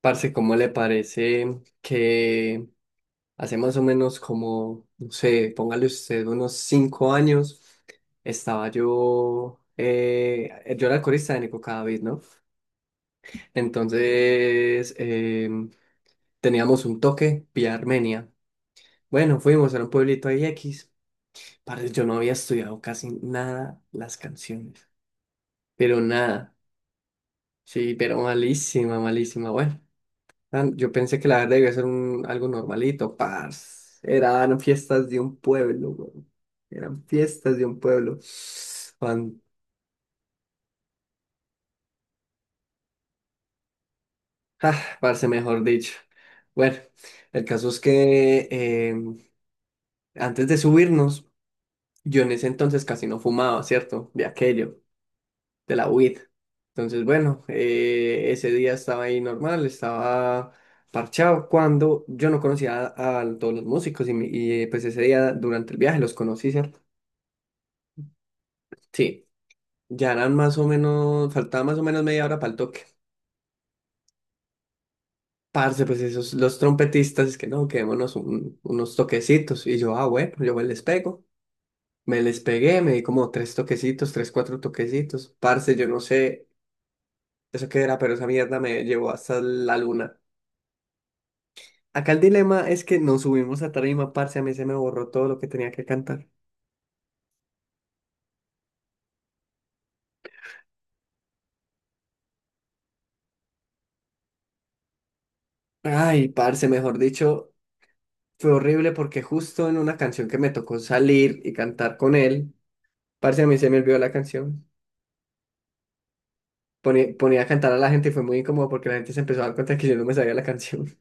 Parce, ¿cómo le parece que hace más o menos como, no sé, póngale usted unos 5 años, estaba yo, yo era el corista de Nico Cadavid, ¿no? Entonces, teníamos un toque vía Armenia. Bueno, fuimos a un pueblito ahí X. Parce, yo no había estudiado casi nada las canciones, pero nada, sí, pero malísima, malísima, bueno. Yo pensé que la verdad iba a ser algo normalito, parce. Eran fiestas de un pueblo, weón. Eran fiestas de un pueblo. Pan- ah, Parce, mejor dicho. Bueno, el caso es que antes de subirnos, yo en ese entonces casi no fumaba, ¿cierto? De aquello, de la weed. Entonces, bueno, ese día estaba ahí normal, estaba parchado cuando yo no conocía a todos los músicos y pues ese día durante el viaje los conocí, ¿cierto? Sí, ya eran más o menos, faltaba más o menos media hora para el toque. Parce, pues esos, los trompetistas, es que no, quedémonos unos toquecitos. Y yo, ah, bueno, yo me les pego. Me les pegué, me di como tres toquecitos, tres, cuatro toquecitos. Parce, yo no sé eso qué era, pero esa mierda me llevó hasta la luna. Acá el dilema es que nos subimos a tarima, parce, a mí se me borró todo lo que tenía que cantar. Ay, parce, mejor dicho, fue horrible porque justo en una canción que me tocó salir y cantar con él, parce, a mí se me olvidó la canción. Ponía a cantar a la gente y fue muy incómodo porque la gente se empezó a dar cuenta que yo no me sabía la canción.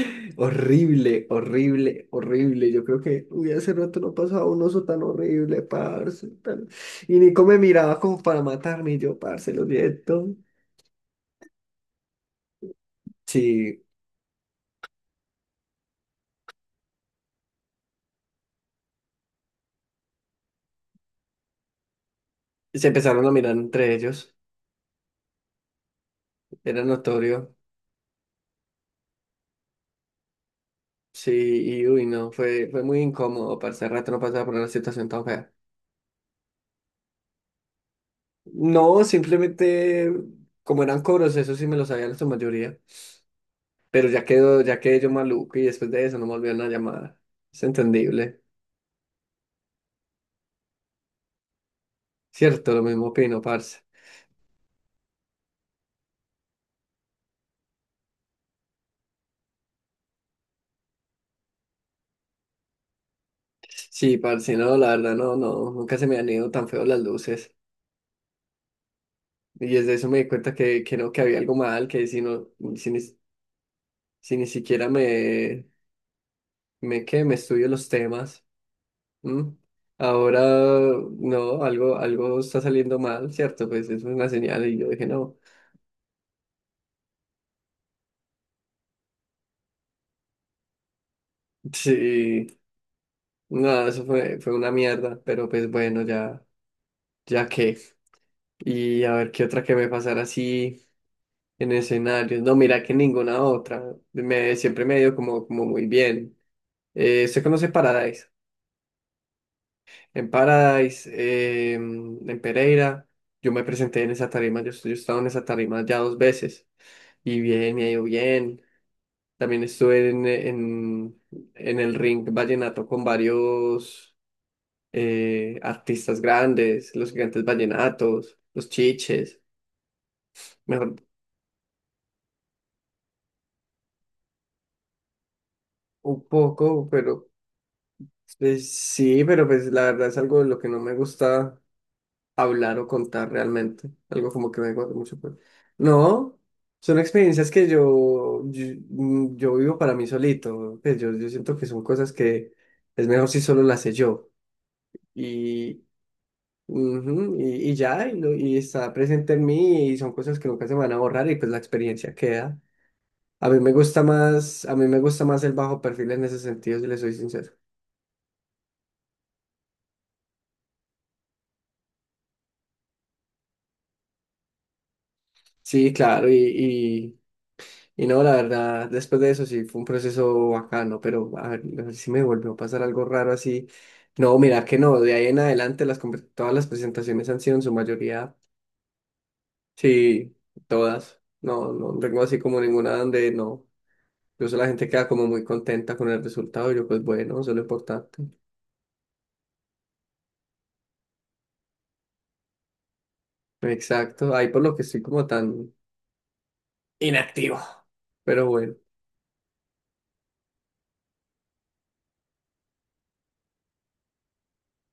Horrible, horrible, horrible. Yo creo que, uy, hace rato no pasaba un oso tan horrible, parce. Y Nico me miraba como para matarme y yo, parce, lo siento. Sí, se empezaron a mirar entre ellos. Era notorio. Sí, y uy, no, fue muy incómodo, parce. Hace rato no pasaba por una situación tan fea. No, simplemente, como eran coros, eso sí me lo sabía en su mayoría. Pero ya quedé yo maluco y después de eso no me volvieron a llamar. Es entendible. Cierto, lo mismo opino, parce. Sí, parce, no, la verdad, no, no, nunca se me han ido tan feo las luces. Y desde eso me di cuenta que no, que había algo mal, que si no, si ni, si ni siquiera qué me estudio los temas, ¿m? Ahora, no, algo está saliendo mal, ¿cierto? Pues eso es una señal y yo dije, no, sí, no, fue una mierda, pero pues bueno, ya qué. Y a ver qué otra que me pasara así en escenarios. No, mira que ninguna otra. Siempre me ha ido como, como muy bien. ¿usted conoce Paradise? En Paradise, en Pereira, yo me presenté en esa tarima. Yo he estado en esa tarima ya dos veces. Y bien, me ha ido bien. También estuve en el ring vallenato con varios artistas grandes, los gigantes vallenatos, los chiches. Mejor un poco, pero pues sí, pero pues la verdad es algo de lo que no me gusta hablar o contar realmente. Algo como que me gusta mucho. Pues. No, son experiencias que yo vivo para mí solito. Pues yo siento que son cosas que es mejor si solo las sé yo. Y, ujú, y ya, y, lo- y está presente en mí y son cosas que nunca se me van a borrar y pues la experiencia queda. A mí me gusta más, a mí me gusta más el bajo perfil en ese sentido, si le soy sincero. Sí, claro, y no, la verdad, después de eso sí fue un proceso bacano, pero a ver si me volvió a pasar algo raro así. No, mira que no, de ahí en adelante todas las presentaciones han sido en su mayoría, sí, todas. No, no tengo así como ninguna donde no. Incluso la gente queda como muy contenta con el resultado y yo pues bueno, eso es lo importante. Exacto, ahí por lo que estoy como tan inactivo, pero bueno,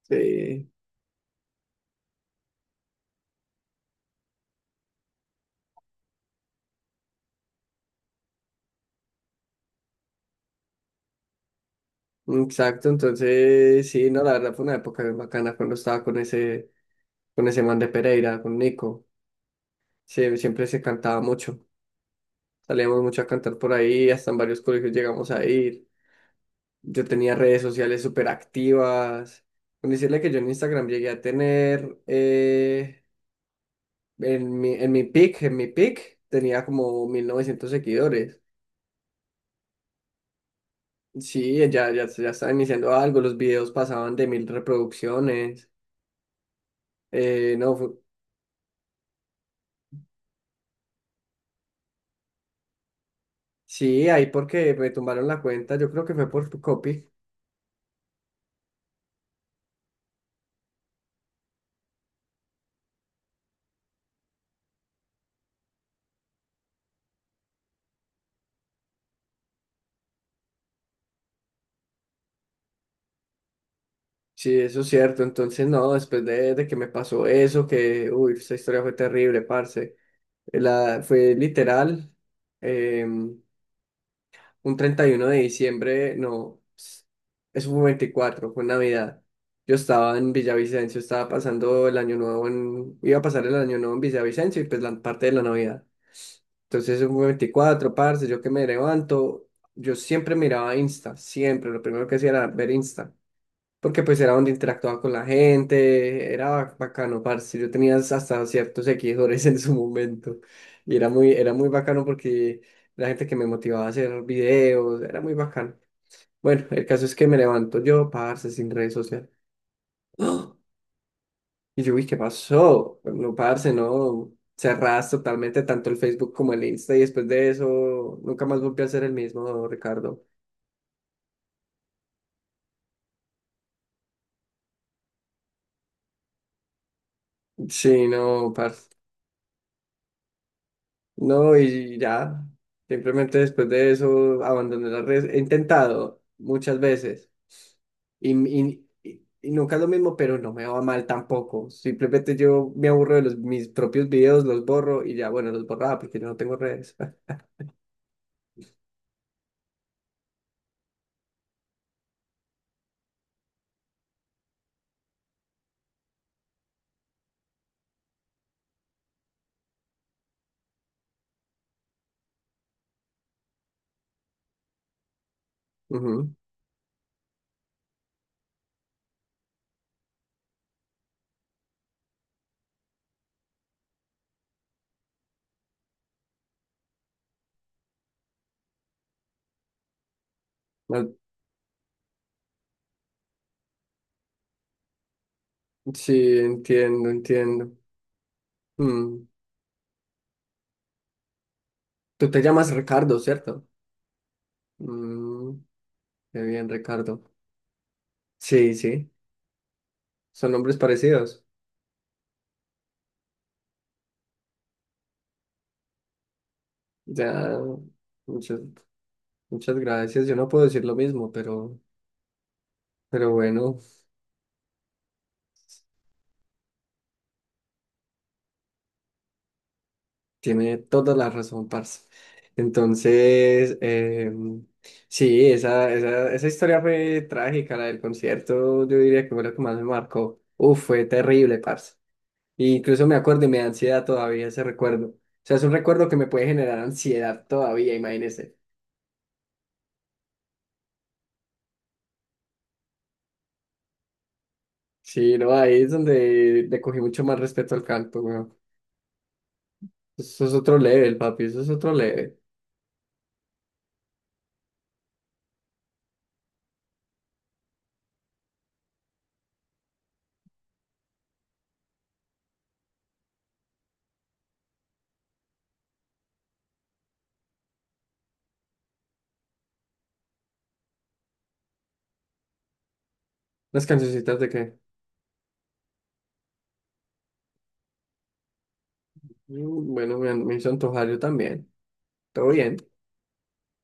sí, exacto, entonces sí, no, la verdad fue una época bien bacana cuando estaba con ese man de Pereira, con Nico. Siempre se cantaba mucho. Salíamos mucho a cantar por ahí, hasta en varios colegios llegamos a ir. Yo tenía redes sociales súper activas. Con decirle que yo en Instagram llegué a tener, en mi, en mi pic, tenía como 1.900 seguidores. Sí, ya estaba iniciando algo, los videos pasaban de 1.000 reproducciones. No, fue- Sí, ahí porque me tumbaron la cuenta, yo creo que fue por copy. Sí, eso es cierto. Entonces, no, después de que me pasó eso, que, uy, esa historia fue terrible, parce. Fue literal, un 31 de diciembre, no, eso fue un 24 fue Navidad. Yo estaba en Villavicencio, estaba pasando el año nuevo en, iba a pasar el año nuevo en Villavicencio y pues la parte de la Navidad. Entonces eso fue 24 parce, yo que me levanto, yo siempre miraba Insta, siempre, lo primero que hacía era ver Insta porque pues era donde interactuaba con la gente, era bacano, parce, yo tenía hasta ciertos seguidores en su momento, y era muy bacano porque la gente que me motivaba a hacer videos, era muy bacano. Bueno, el caso es que me levanto yo, parce, sin redes sociales. ¡Ah! Y yo, uy, ¿qué pasó? No, parce, no, cerraste totalmente tanto el Facebook como el Insta, y después de eso, nunca más volví a ser el mismo, Ricardo. Sí, no, parce. No, y ya, simplemente después de eso abandoné las redes. He intentado muchas veces y nunca es lo mismo, pero no me va mal tampoco. Simplemente yo me aburro de mis propios videos, los borro y ya, bueno, los borraba porque yo no tengo redes. Ujú. Ah, sí, entiendo, entiendo. Mm. Tú te llamas Ricardo, ¿cierto? Mm, qué bien, Ricardo. Sí, sí, son nombres parecidos. Ya, muchas, muchas gracias. Yo no puedo decir lo mismo, pero bueno, tiene toda la razón, parce. Entonces, sí, esa historia fue trágica, la del concierto, yo diría que fue lo que más me marcó. Uf, fue terrible, parce. Y incluso me acuerdo y me da ansiedad todavía ese recuerdo. O sea, es un recuerdo que me puede generar ansiedad todavía, imagínese. Sí, no, ahí es donde le cogí mucho más respeto al canto, weón. Eso es otro level, papi, eso es otro level. Las cancioncitas de que, mm, bueno, me hizo antojar yo también. Todo bien.